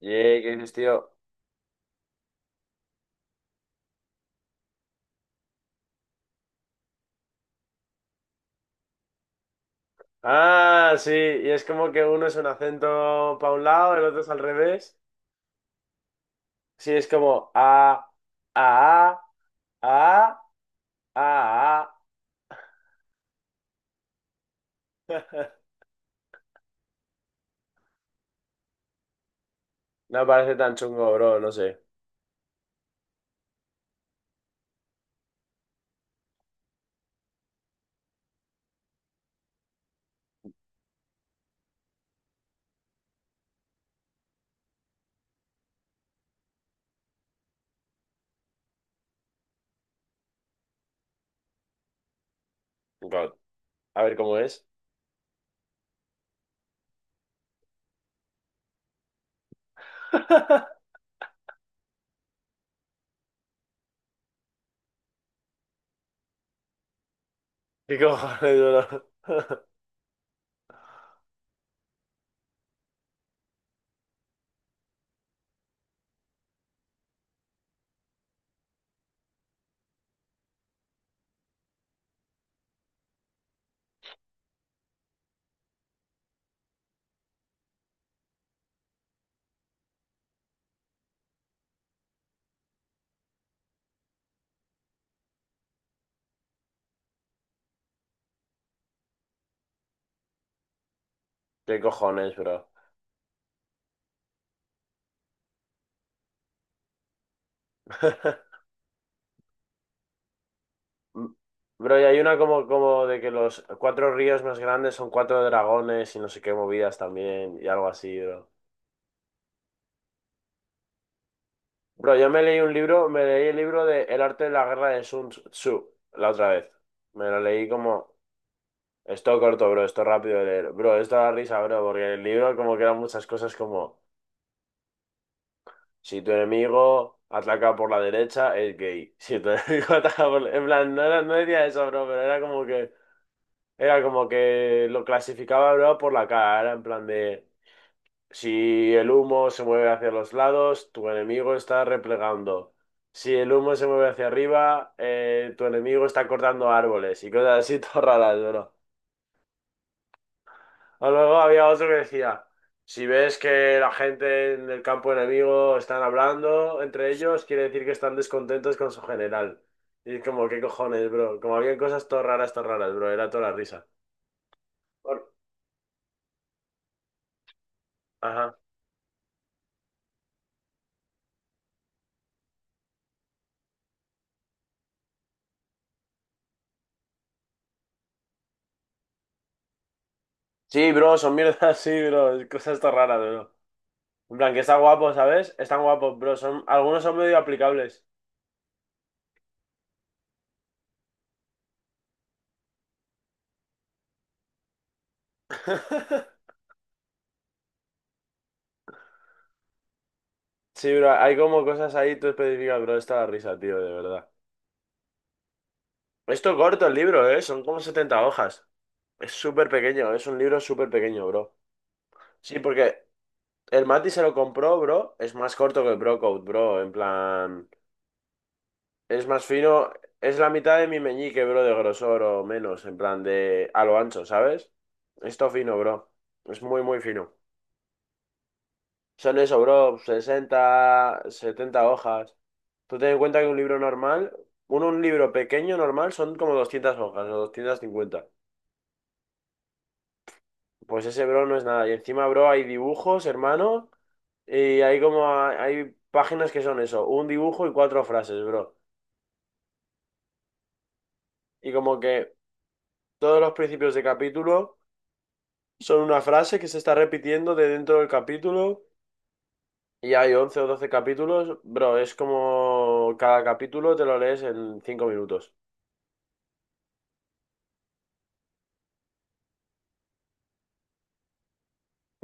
Y ¿qué dices, tío? Ah, sí, y es como que uno es un acento para un lado, el otro es al revés. Sí, es como a, a, a. No me parece tan chungo, bro, no sé. God. A ver cómo es. ¿Qué cojones, bro? ¿Qué cojones, bro? Bro, y hay una como de que los cuatro ríos más grandes son cuatro dragones y no sé qué movidas también y algo así, bro. Bro, yo me leí un libro, me leí el libro de El arte de la guerra de Sun Tzu la otra vez. Me lo leí como esto corto, bro, esto rápido de leer. Bro, esto da risa, bro, porque en el libro como que eran muchas cosas como, si tu enemigo ataca por la derecha, es gay. Si tu enemigo ataca por en plan, no, no decía eso, bro, pero era como que era como que lo clasificaba, bro, por la cara. Era en plan de... Si el humo se mueve hacia los lados, tu enemigo está replegando. Si el humo se mueve hacia arriba, tu enemigo está cortando árboles y cosas así todas raras, bro. O luego había otro que decía, si ves que la gente en el campo enemigo están hablando entre ellos, quiere decir que están descontentos con su general. Y es como, ¿qué cojones, bro? Como había cosas todas raras, bro. Era toda la risa. Por- Ajá. Sí, bro, son mierdas, sí, bro. Cosas todas raras, bro. En plan, que está guapo, ¿sabes? Están guapos, bro. Son, algunos son medio aplicables. Sí, bro, hay como cosas ahí tú específicas, bro. Esta da risa, tío, de verdad. Esto corto el libro, ¿eh? Son como 70 hojas. Es súper pequeño, es un libro súper pequeño, bro. Sí, porque el Mati se lo compró, bro. Es más corto que el Brocode, bro. En plan, es más fino. Es la mitad de mi meñique, bro, de grosor o menos. En plan, de a lo ancho, ¿sabes? Esto fino, bro. Es muy, muy fino. Son sea, le sobró 60, 70 hojas. Tú ten en cuenta que un libro normal, un libro pequeño normal, son como 200 hojas o 250. Pues ese, bro, no es nada. Y encima, bro, hay dibujos, hermano, y hay como, hay páginas que son eso, un dibujo y cuatro frases, bro. Y como que todos los principios de capítulo son una frase que se está repitiendo de dentro del capítulo. Y hay 11 o 12 capítulos, bro, es como cada capítulo te lo lees en 5 minutos.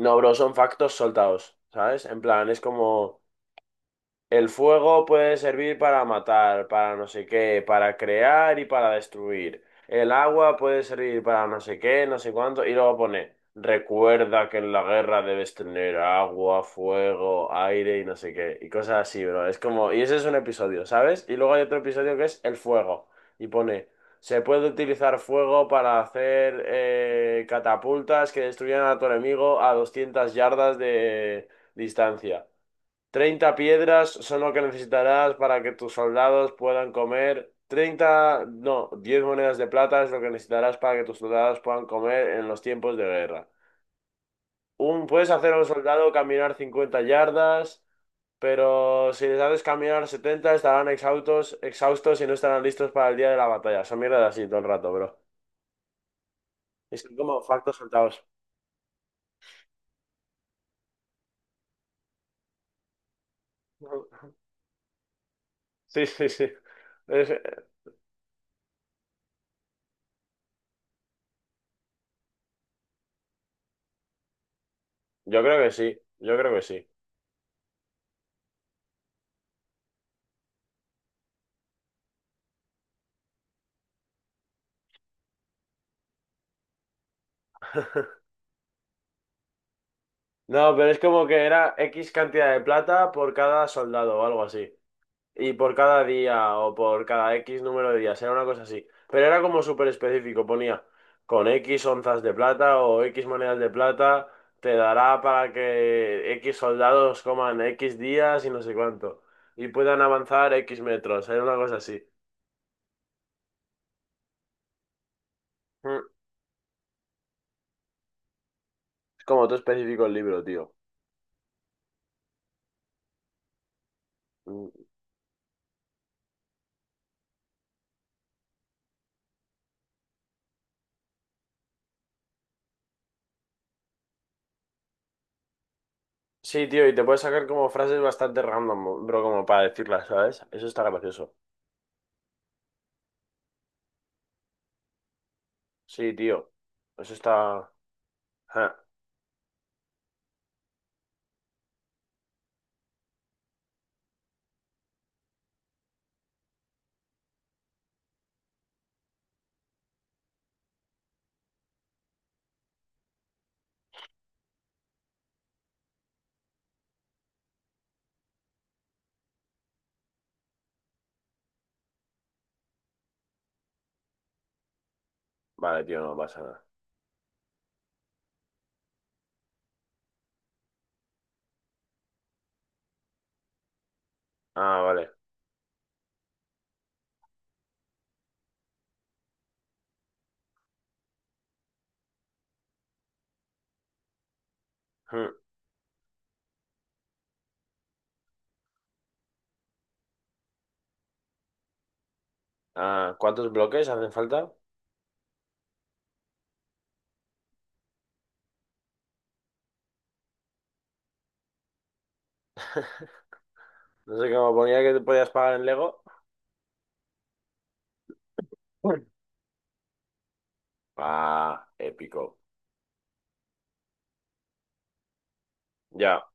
No, bro, son factos soltados, ¿sabes? En plan, es como, el fuego puede servir para matar, para no sé qué, para crear y para destruir. El agua puede servir para no sé qué, no sé cuánto. Y luego pone, recuerda que en la guerra debes tener agua, fuego, aire y no sé qué. Y cosas así, bro. Es como, y ese es un episodio, ¿sabes? Y luego hay otro episodio que es el fuego. Y pone, se puede utilizar fuego para hacer catapultas que destruyan a tu enemigo a 200 yardas de distancia. 30 piedras son lo que necesitarás para que tus soldados puedan comer. 30, no, 10 monedas de plata es lo que necesitarás para que tus soldados puedan comer en los tiempos de guerra. Un, puedes hacer a un soldado caminar 50 yardas, pero si les haces caminar 70 estarán exhaustos, exhaustos y no estarán listos para el día de la batalla. Son mierdas así todo el rato, bro. Y son como factos soldados. Sí, sí, sí. Es- yo creo que sí, yo creo que sí. No, pero es como que era X cantidad de plata por cada soldado o algo así. Y por cada día o por cada X número de días, era una cosa así. Pero era como súper específico, ponía con X onzas de plata o X monedas de plata, te dará para que X soldados coman X días y no sé cuánto. Y puedan avanzar X metros, era una cosa así. Mm, Es como todo específico el libro, tío. Mm, Sí, tío, y te puedes sacar como frases bastante random, bro, como para decirlas, ¿sabes? Eso está gracioso. Sí, tío. Eso está. Ah, vale, tío, no pasa nada. Ah, vale. Hmm. Ah, ¿cuántos bloques hacen falta? No sé cómo ponía que te podías pagar en Lego. Hmm. Ah, épico. Ya,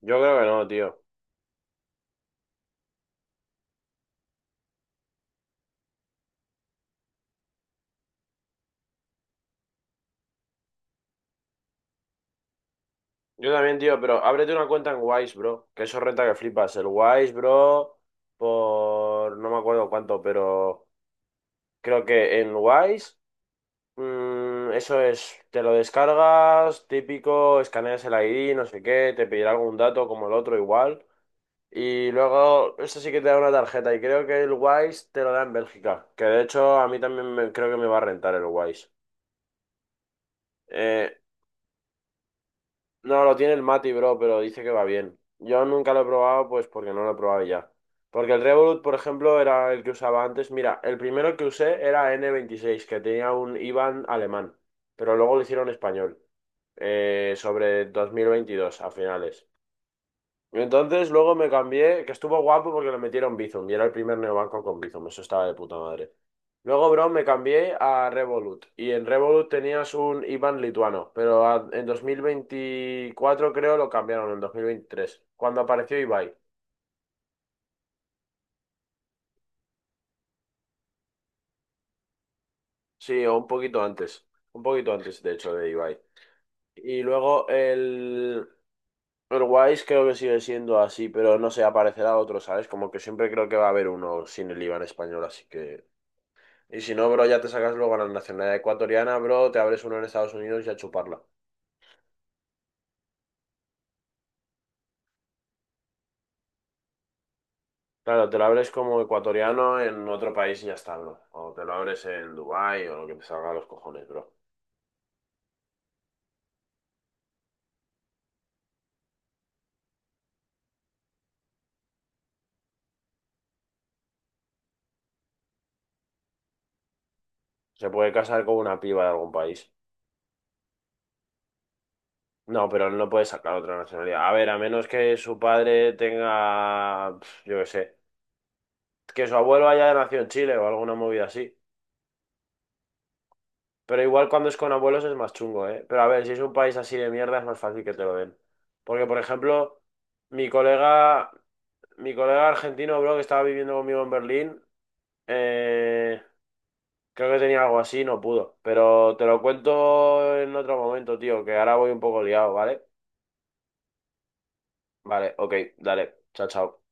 yo creo que no, tío. Yo también, tío, pero ábrete una cuenta en Wise, bro. Que eso renta que flipas. El Wise, bro, por... No me acuerdo cuánto, pero creo que en Wise. Eso es, te lo descargas, típico, escaneas el ID, no sé qué, te pedirá algún dato como el otro igual. Y luego, eso sí que te da una tarjeta y creo que el Wise te lo da en Bélgica, que de hecho a mí también creo que me va a rentar el Wise. Eh, no, lo tiene el Mati, bro, pero dice que va bien. Yo nunca lo he probado, pues porque no lo he probado ya. Porque el Revolut, por ejemplo, era el que usaba antes. Mira, el primero que usé era N26, que tenía un IBAN alemán, pero luego lo hicieron español. Sobre 2022 a finales. Y entonces luego me cambié, que estuvo guapo porque le metieron Bizum y era el primer neobanco con Bizum, eso estaba de puta madre. Luego, bro, me cambié a Revolut y en Revolut tenías un IBAN lituano, pero en 2024 creo lo cambiaron, en 2023, cuando apareció Ibai. Sí, o un poquito antes de hecho de Ibai. Y luego el, Uruguay creo que sigue siendo así, pero no sé, aparecerá otro, ¿sabes? Como que siempre creo que va a haber uno sin el IVA en español, así que... Y si no, bro, ya te sacas luego la nacionalidad ecuatoriana, bro, te abres uno en Estados Unidos y a chuparla. Claro, te lo abres como ecuatoriano en otro país y ya está, bro. O te lo abres en Dubái o lo que te salga a los cojones, bro. Se puede casar con una piba de algún país. No, pero no puede sacar otra nacionalidad. A ver, a menos que su padre tenga, pf, yo qué sé, que su abuelo haya nacido en Chile o alguna movida así. Pero igual cuando es con abuelos es más chungo, ¿eh? Pero a ver, si es un país así de mierda es más fácil que te lo den. Porque, por ejemplo, mi colega, mi colega argentino, bro, que estaba viviendo conmigo en Berlín, eh, creo que tenía algo así, no pudo. Pero te lo cuento en otro momento, tío, que ahora voy un poco liado, ¿vale? Vale, ok, dale, chao, chao.